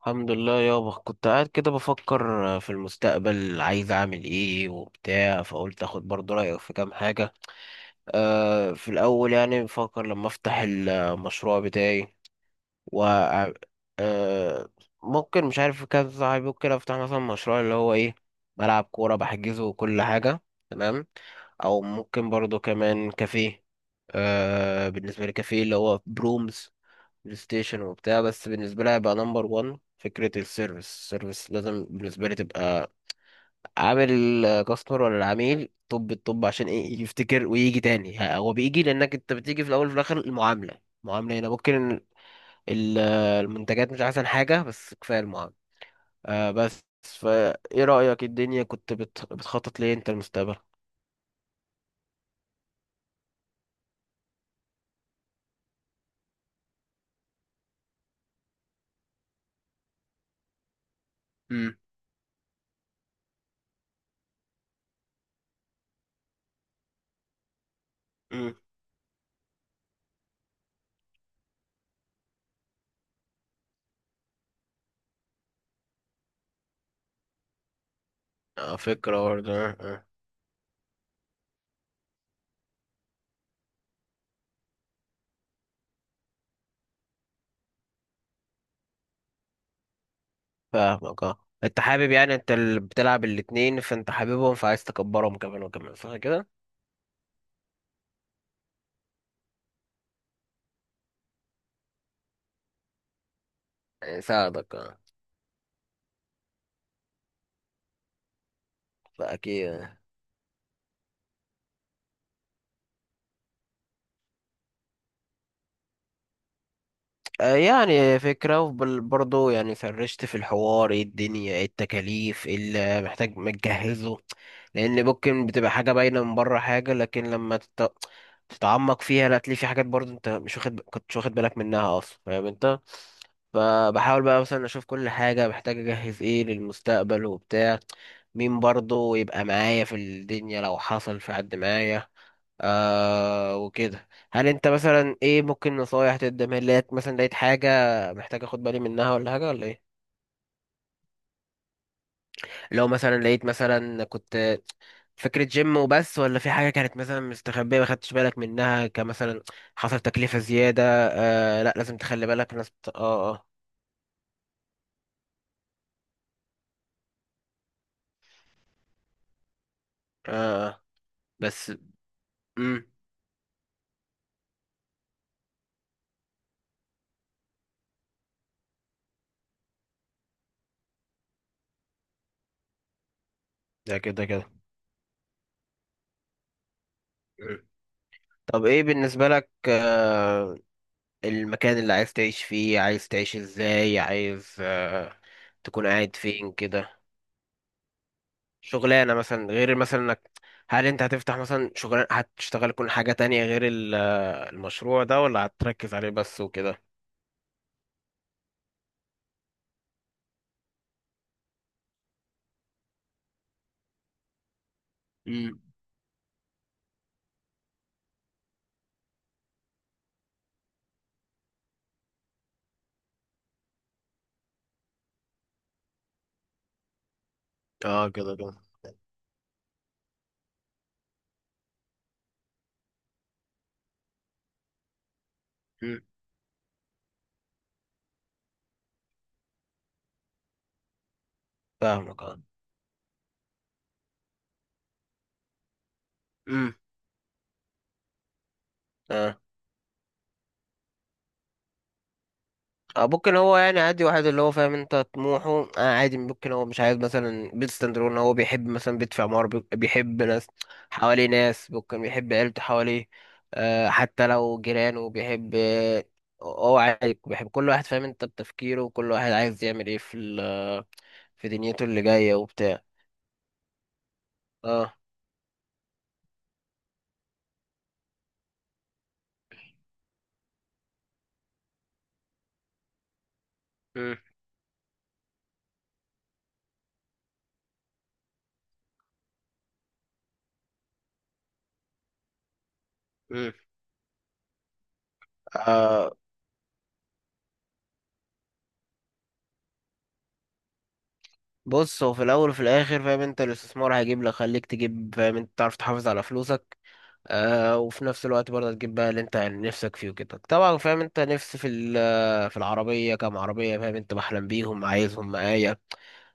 الحمد لله يابا، كنت قاعد كده بفكر، في المستقبل عايز اعمل ايه وبتاع، فقلت اخد برضه رأيك في كام حاجة. في الاول يعني بفكر لما افتح المشروع بتاعي، و أه ممكن مش عارف، كذا صاحبي، ممكن افتح مثلا مشروع اللي هو ايه، ملعب كورة بحجزه وكل حاجة. تمام. او ممكن برضه كمان كافيه. بالنسبة لي كافيه اللي هو برومز، بلاي ستيشن وبتاع. بس بالنسبة لي هيبقى نمبر 1 فكرة السيرفيس. لازم بالنسبة لي تبقى عامل كاستمر ولا العميل. طب عشان ايه يفتكر ويجي تاني. هو بيجي لانك انت بتيجي في الاول وفي الاخر. المعاملة هنا ممكن ال- المنتجات مش احسن حاجة، بس كفاية المعاملة. بس فا ايه رأيك الدنيا؟ كنت بتخطط ليه انت المستقبل؟ امم امم فكرة برضه، آه، آه. فاهمك اه. انت حابب، يعني انت اللي بتلعب الاتنين فانت حاببهم فعايز تكبرهم كمان وكمان فكده. يساعدك اه، فاكيد. يعني فكرة. وبرضه يعني فرشت في الحوار ايه الدنيا، ايه التكاليف، ايه اللي محتاج متجهزه. لأن ممكن بتبقى حاجة باينة من بره حاجة، لكن لما تتعمق فيها لا تلاقي في حاجات برضه انت مش واخد كنتش واخد بالك منها أصلا، فاهم انت. فبحاول بقى مثلا أشوف كل حاجة محتاج أجهز ايه للمستقبل وبتاع، مين برضه يبقى معايا في الدنيا لو حصل، في حد معايا وكده. هل انت مثلا ايه، ممكن نصايح تقدمها لي؟ لقيت حاجة محتاج اخد بالي منها، ولا حاجة ولا ايه؟ لو مثلا لقيت مثلا، كنت فكرة جيم وبس ولا في حاجة كانت مثلا مستخبية ما خدتش بالك منها، كمثلا حصل تكلفة زيادة. آه لا، لازم تخلي بالك، ناس اه، اه. اه بس. امم ده كده كده. مم. طب ايه بالنسبة لك، المكان اللي عايز تعيش فيه؟ عايز تعيش ازاي؟ عايز تكون قاعد فين كده؟ شغلانه مثلا غير، مثلا انك، هل انت هتفتح مثلا شغلانه؟ هتشتغل كل حاجه تانية غير المشروع ده، ولا هتركز عليه بس وكده؟ امم اه كده كده. امم فاهمك اه. امم اه. ممكن هو يعني عادي، واحد اللي هو فاهم انت طموحه. عادي، ممكن هو مش عايز مثلا بيت ستاندرون، ان هو بيحب مثلا بيت في عمارة، بيحب ناس حواليه، ناس، ممكن بيحب عيلته حواليه. حتى لو جيرانه بيحب، هو عادي. بيحب كل واحد فاهم انت بتفكيره، وكل واحد عايز يعمل ايه في في دنيته اللي جاية وبتاع. اه. مم. مم. آه بص، هو في الأول وفي الآخر فاهم أنت الاستثمار هيجيب لك. خليك تجيب فاهم أنت، تعرف تحافظ على فلوسك، وفي نفس الوقت برضه تجيب بقى اللي انت يعني نفسك فيه وكده. طبعا فاهم انت، نفسي في في العربية، كام عربية فاهم انت بحلم بيهم عايزهم معايا.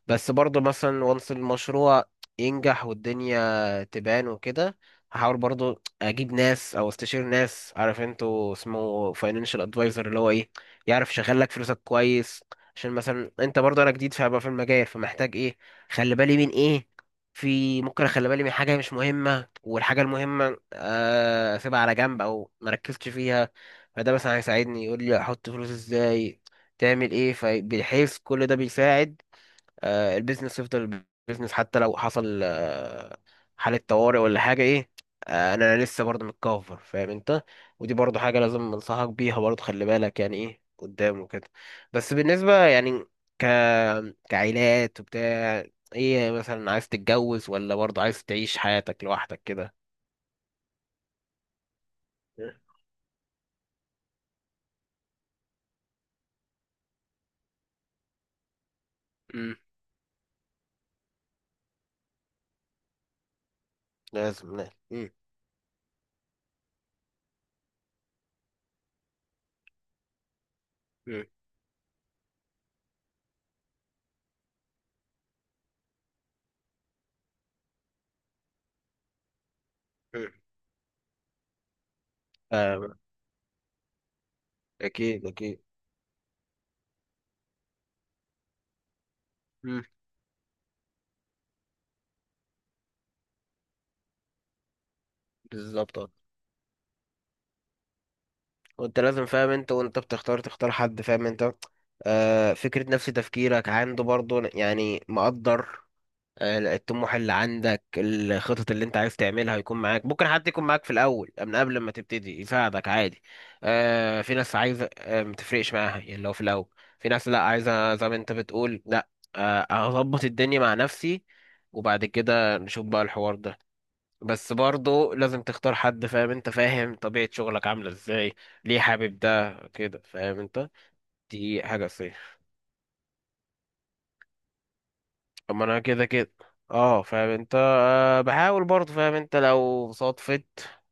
بس برضه مثلا، وانس المشروع ينجح والدنيا تبان وكده، هحاول برضه اجيب ناس او استشير ناس، عارف انتوا اسمه فاينانشال ادفايزر، اللي هو ايه يعرف يشغل لك فلوسك كويس. عشان مثلا انت برضه، انا جديد فهبقى في المجال، فمحتاج ايه، خلي بالي من ايه. في ممكن اخلي بالي من حاجة مش مهمة، والحاجة المهمة أسيبها على جنب أو مركزتش فيها. فده مثلا هيساعدني، يقول لي أحط فلوس إزاي، تعمل إيه. فبحيث كل ده بيساعد البيزنس يفضل بيزنس، حتى لو حصل حالة طوارئ ولا حاجة إيه. أنا لسه برضه متكفر فاهم أنت، ودي برضه حاجة لازم أنصحك بيها برضه، خلي بالك يعني إيه قدام وكده. بس بالنسبة يعني ك كعائلات وبتاع، إيه مثلا، عايز تتجوز ولا برضه عايز تعيش حياتك لوحدك كده؟ مم. لازم لا. مم. مم. مم. آه، اكيد اكيد. مم. بالظبط آه. وانت لازم فاهم انت، وانت بتختار حد فاهم انت، فكرة نفس تفكيرك عنده برضه يعني، مقدر الطموح اللي عندك، الخطط اللي انت عايز تعملها هيكون معاك. ممكن حد يكون معاك في الاول من قبل ما تبتدي، يساعدك عادي. في ناس عايزه، ما تفرقش معاها يعني لو في الاول. في ناس لا، عايزه زي ما انت بتقول لا، اظبط الدنيا مع نفسي وبعد كده نشوف بقى الحوار ده. بس برضه لازم تختار حد فاهم انت، فاهم طبيعة شغلك عاملة ازاي، ليه حابب ده كده فاهم انت. دي حاجة صحيحة. طب ما انا كده كده اه فاهم انت، بحاول برضه فاهم انت، لو صدفت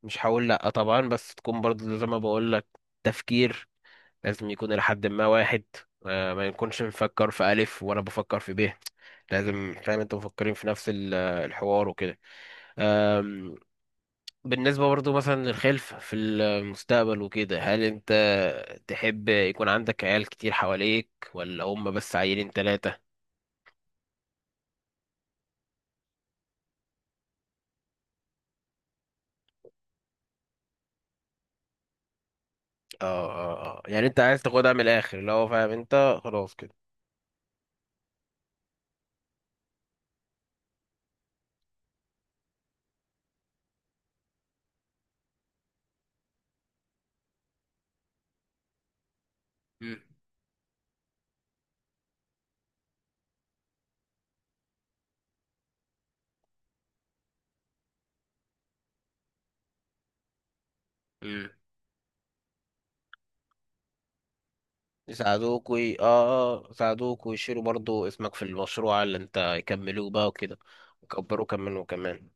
مش هقول لا طبعا، بس تكون برضه زي ما بقول لك، تفكير لازم يكون لحد ما واحد. ما نكونش بنفكر في الف وانا بفكر في ب. لازم فاهم انت مفكرين في نفس الحوار وكده. أم، بالنسبة برضه مثلا للخلف في المستقبل وكده، هل انت تحب يكون عندك عيال كتير حواليك، ولا هم بس عيلين تلاتة؟ اه اه اه، يعني انت عايز تاخدها من الاخر اللي هو فاهم انت خلاص كده. مم. مم. يساعدوك اه. اه يساعدوك، ويشيلوا برضو اسمك في المشروع اللي انت يكملوه بقى وكده. وكبروا كمان وكمان.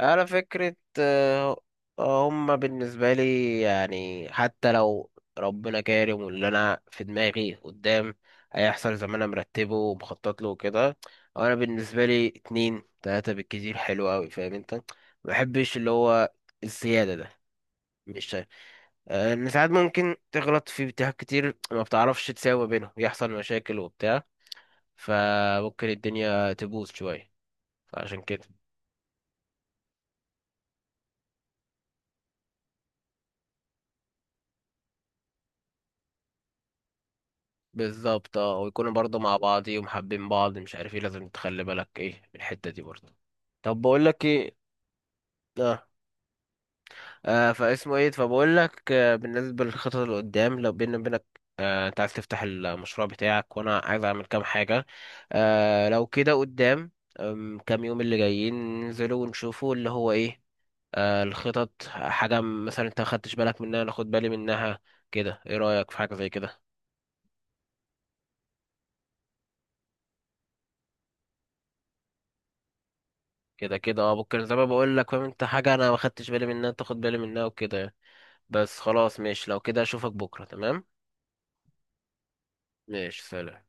على فكرة هم بالنسبة لي يعني، حتى لو ربنا كارم واللي انا في دماغي قدام هيحصل زي ما انا مرتبه ومخطط له وكده، انا بالنسبة لي اتنين تلاتة بالكتير، حلو اوي فاهم انت. ما بحبش اللي هو الزيادة ده. مش شايف ان ساعات ممكن تغلط في اتجاهات كتير، ما بتعرفش تساوي بينهم، يحصل مشاكل وبتاع، فممكن الدنيا تبوظ شوية، فعشان كده. بالظبط اه، ويكونوا برضه مع بعض ومحبين بعض، مش عارف ايه لازم تخلي بالك ايه من الحتة دي برضه. طب بقول لك ايه، آه. فاسمه ايه، فبقول لك بالنسبه للخطط اللي قدام، لو بيني وبينك انت عايز تفتح المشروع بتاعك وانا عايز اعمل كام حاجه، لو كده قدام، كام يوم اللي جايين ننزلوا ونشوفوا اللي هو ايه الخطط، حاجه مثلا انت ما خدتش بالك منها انا اخد بالي منها كده، ايه رايك في حاجه زي كده؟ كده كده اه، ممكن زي ما بقول لك فاهم انت، حاجه انا ما خدتش بالي منها تاخد بالي منها وكده يعني. بس خلاص ماشي، لو كده اشوفك بكره. تمام. ماشي، سلام.